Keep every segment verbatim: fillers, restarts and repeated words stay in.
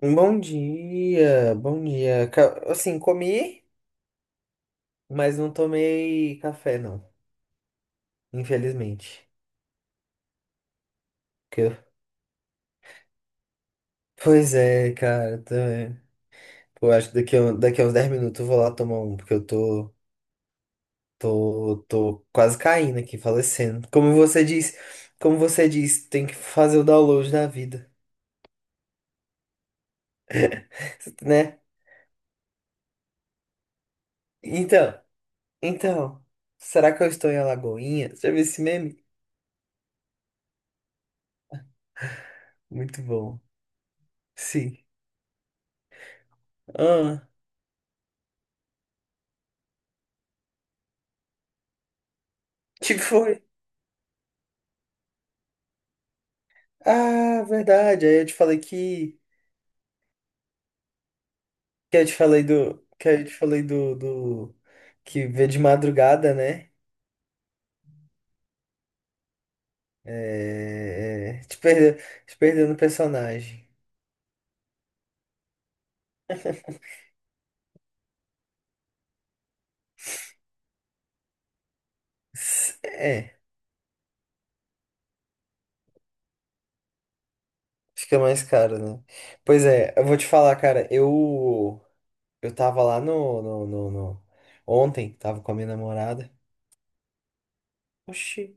Um Bom dia, bom dia. Ca- Assim, comi, mas não tomei café, não. Infelizmente. Que eu- Pois é, cara. Tô... Pô, acho que daqui a, um, daqui a uns dez minutos eu vou lá tomar um, porque eu tô, tô, tô quase caindo aqui, falecendo. Como você disse, como você disse, tem que fazer o download da vida, né? Então, então, será que eu estou em Alagoinha? Já viu esse meme? Muito bom. Sim. Ah, tipo. Ah, verdade. Aí eu te falei que. Que eu te falei do. Que eu te falei do, do. Que vê de madrugada, né? É. é, Te perdeu, te perdeu no personagem. S- É, fica mais caro, né? Pois é, eu vou te falar, cara, eu eu tava lá no, no, no, no- ontem, tava com a minha namorada. Oxi.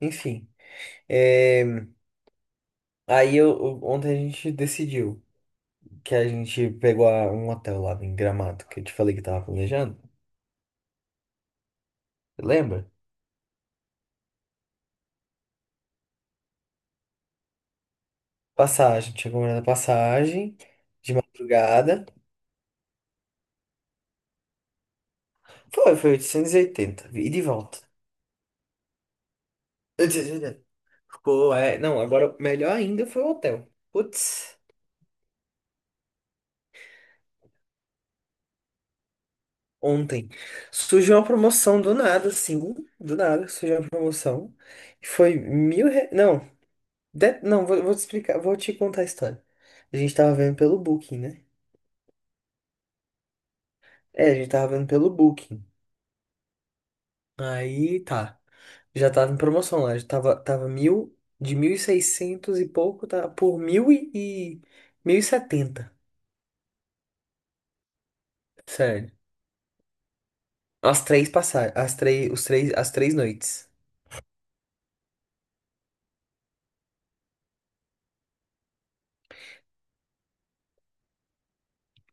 Enfim, é, aí eu, eu- ontem a gente decidiu. Que a gente pegou a- um hotel lá em Gramado, que eu te falei que tava planejando. Lembra? Passagem, tinha comprado a passagem de madrugada. Foi, foi oitocentos e oitenta, e oitenta, e de volta. oitocentos e oitenta. Ficou, é, não, agora melhor ainda foi o hotel. Putz, ontem surgiu uma promoção do nada, assim, do nada surgiu uma promoção. E foi mil re... Não, de- não, vou, vou te explicar, vou te contar a história. A gente tava vendo pelo Booking, né? É, a gente tava vendo pelo Booking. Aí tá. Já tava em promoção lá. Já tava, tava mil, de mil e seiscentos e pouco, tá por mil e, e mil e setenta. Sério. As três passagens. As três, os três, as três noites.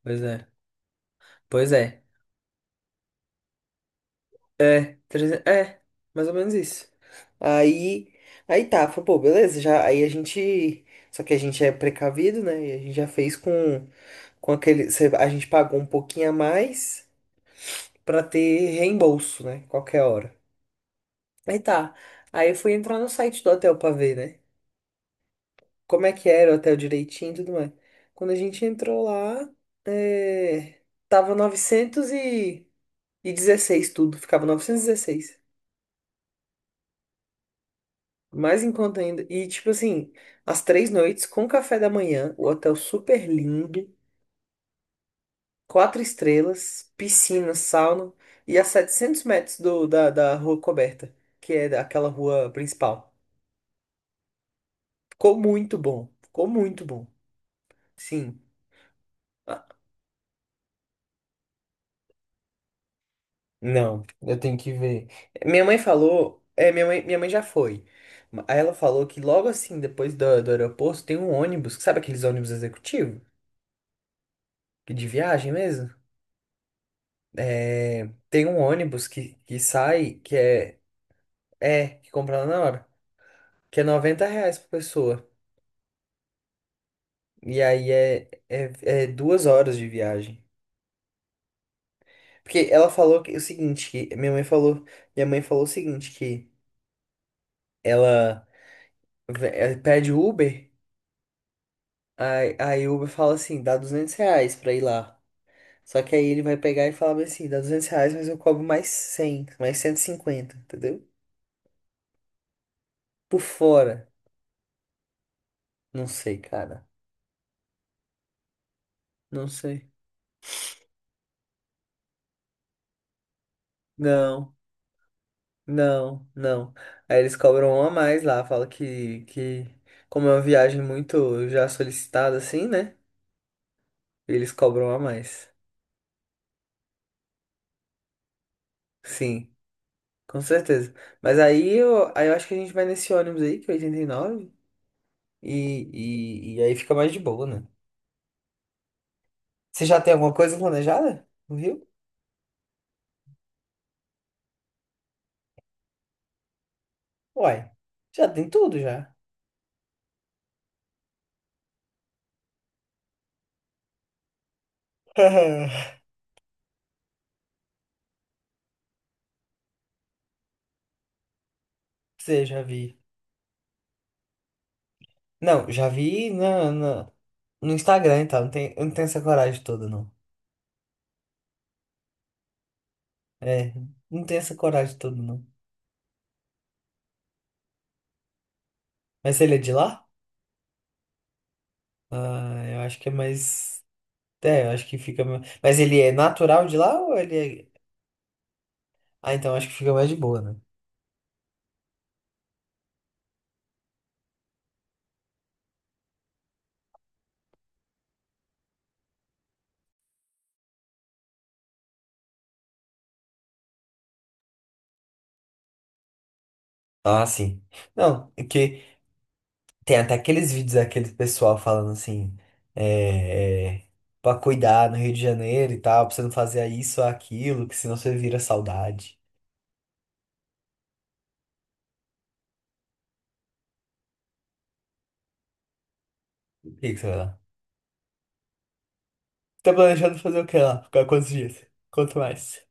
Pois é. Pois é. É, trezentos é, mais ou menos isso. Aí, aí tá, falei, pô, beleza, já, aí a gente, só que a gente é precavido, né? E a gente já fez com, com aquele, cê- a gente pagou um pouquinho a mais pra ter reembolso, né? Qualquer hora. Aí tá. Aí eu fui entrar no site do hotel pra ver, né? Como é que era o hotel direitinho e tudo mais. Quando a gente entrou lá, é... tava novecentos e dezesseis tudo, ficava novecentos e dezesseis. Mais em conta ainda. E tipo assim, as três noites com café da manhã, o hotel super lindo, quatro estrelas, piscina, sauna e a setecentos metros do, da, da rua coberta, que é aquela rua principal. Ficou muito bom, ficou muito bom. Sim. Não, eu tenho que ver. Minha mãe falou. É, minha mãe, minha mãe já foi. Ma- Aí ela falou que logo assim, depois do, do aeroporto, tem um ônibus. Sabe aqueles ônibus executivos? De viagem mesmo? É, tem um ônibus que, que sai, que é. É, que compra lá na hora. Que é noventa reais por pessoa. E aí é, é, é duas horas de viagem. Porque ela falou que, o seguinte, que minha mãe falou. Minha mãe falou o seguinte, que ela, ve- ela pede Uber. Aí, aí o Uber fala assim, dá duzentos reais pra ir lá. Só que aí ele vai pegar e falar bem assim, dá duzentos reais, mas eu cobro mais cem mais cento e cinquenta entendeu? Por fora. Não sei, cara. Não sei. Não, não, não. Aí eles cobram um a mais lá, fala que, que como é uma viagem muito já solicitada assim, né? Eles cobram um a mais. Sim, com certeza. Mas aí eu, aí eu acho que a gente vai nesse ônibus aí, que é oitenta e nove, e, nove, e, e e aí fica mais de boa, né? Você já tem alguma coisa planejada no Rio? Uai, já tem tudo já. Você já vi. Não, já vi na, na- no Instagram e tal. Não tem, eu não tenho essa coragem toda, não. É, não tenho essa coragem toda, não. Mas ele é de lá? Ah, eu acho que é mais. É, eu acho que fica. ma- Mas ele é natural de lá ou ele é. Ah, então acho que fica mais de boa, né? Ah, sim. Não, é que tem até aqueles vídeos daquele pessoal falando assim, é, é, pra cuidar no Rio de Janeiro e tal, pra você não fazer isso ou aquilo, que senão você vira saudade. O que que você vai lá? Tá planejando fazer o que lá? Ficar quantos dias? Quanto mais?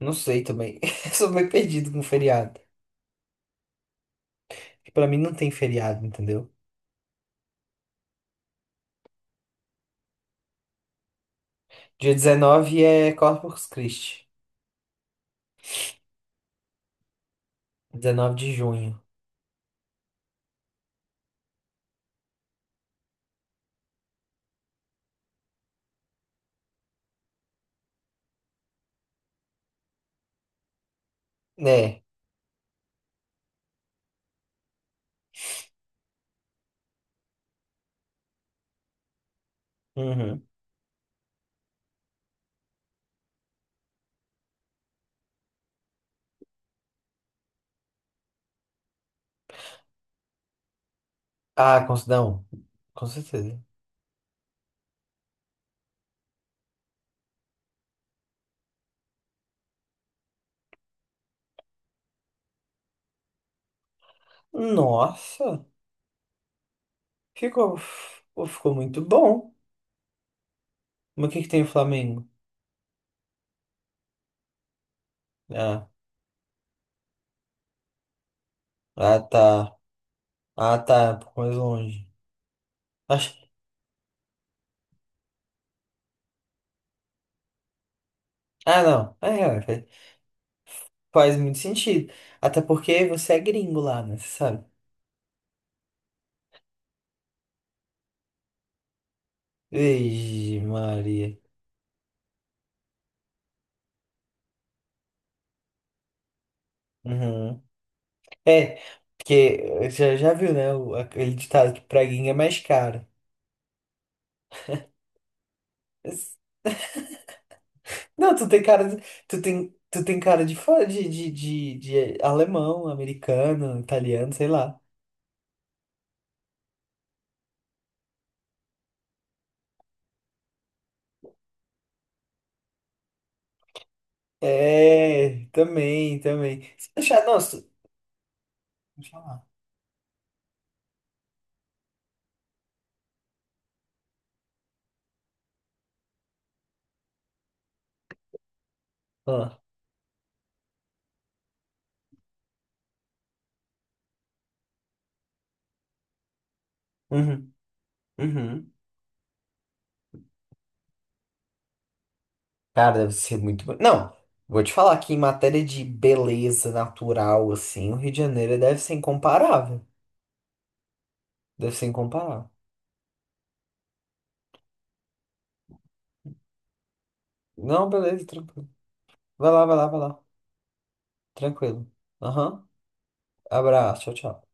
Não sei também. Eu sou meio perdido com feriado. Porque pra mim não tem feriado, entendeu? Dia dezenove é Corpus Christi. dezenove de junho. Né? Uhum. Ah, com, não, Com certeza. Nossa, ficou, ficou muito bom. Mas o que que tem o Flamengo? Ah, ah tá. Ah tá, um pouco mais longe. Acho... Ah não, é, é, fa- faz muito sentido. Até porque você é gringo lá, né? Você sabe? Vixe, Maria. Uhum. É, porque eh, já, já viu, né? o- Aquele ditado que praguinha é mais caro. Mas- Não, tu tem cara. de- Tu tem, tu tem cara de, fo- de, de, de, de alemão, americano, italiano, sei lá. É, também, também. Se achar, nossa. Deixa eu falar. Uhum, uhum. Cara, deve ser muito. bo- Não, vou te falar que em matéria de beleza natural, assim, o Rio de Janeiro deve ser incomparável. Deve ser incomparável. Não, beleza, tranquilo. Vai lá, vai lá, vai lá. Tranquilo. Aham. Abraço, tchau, tchau.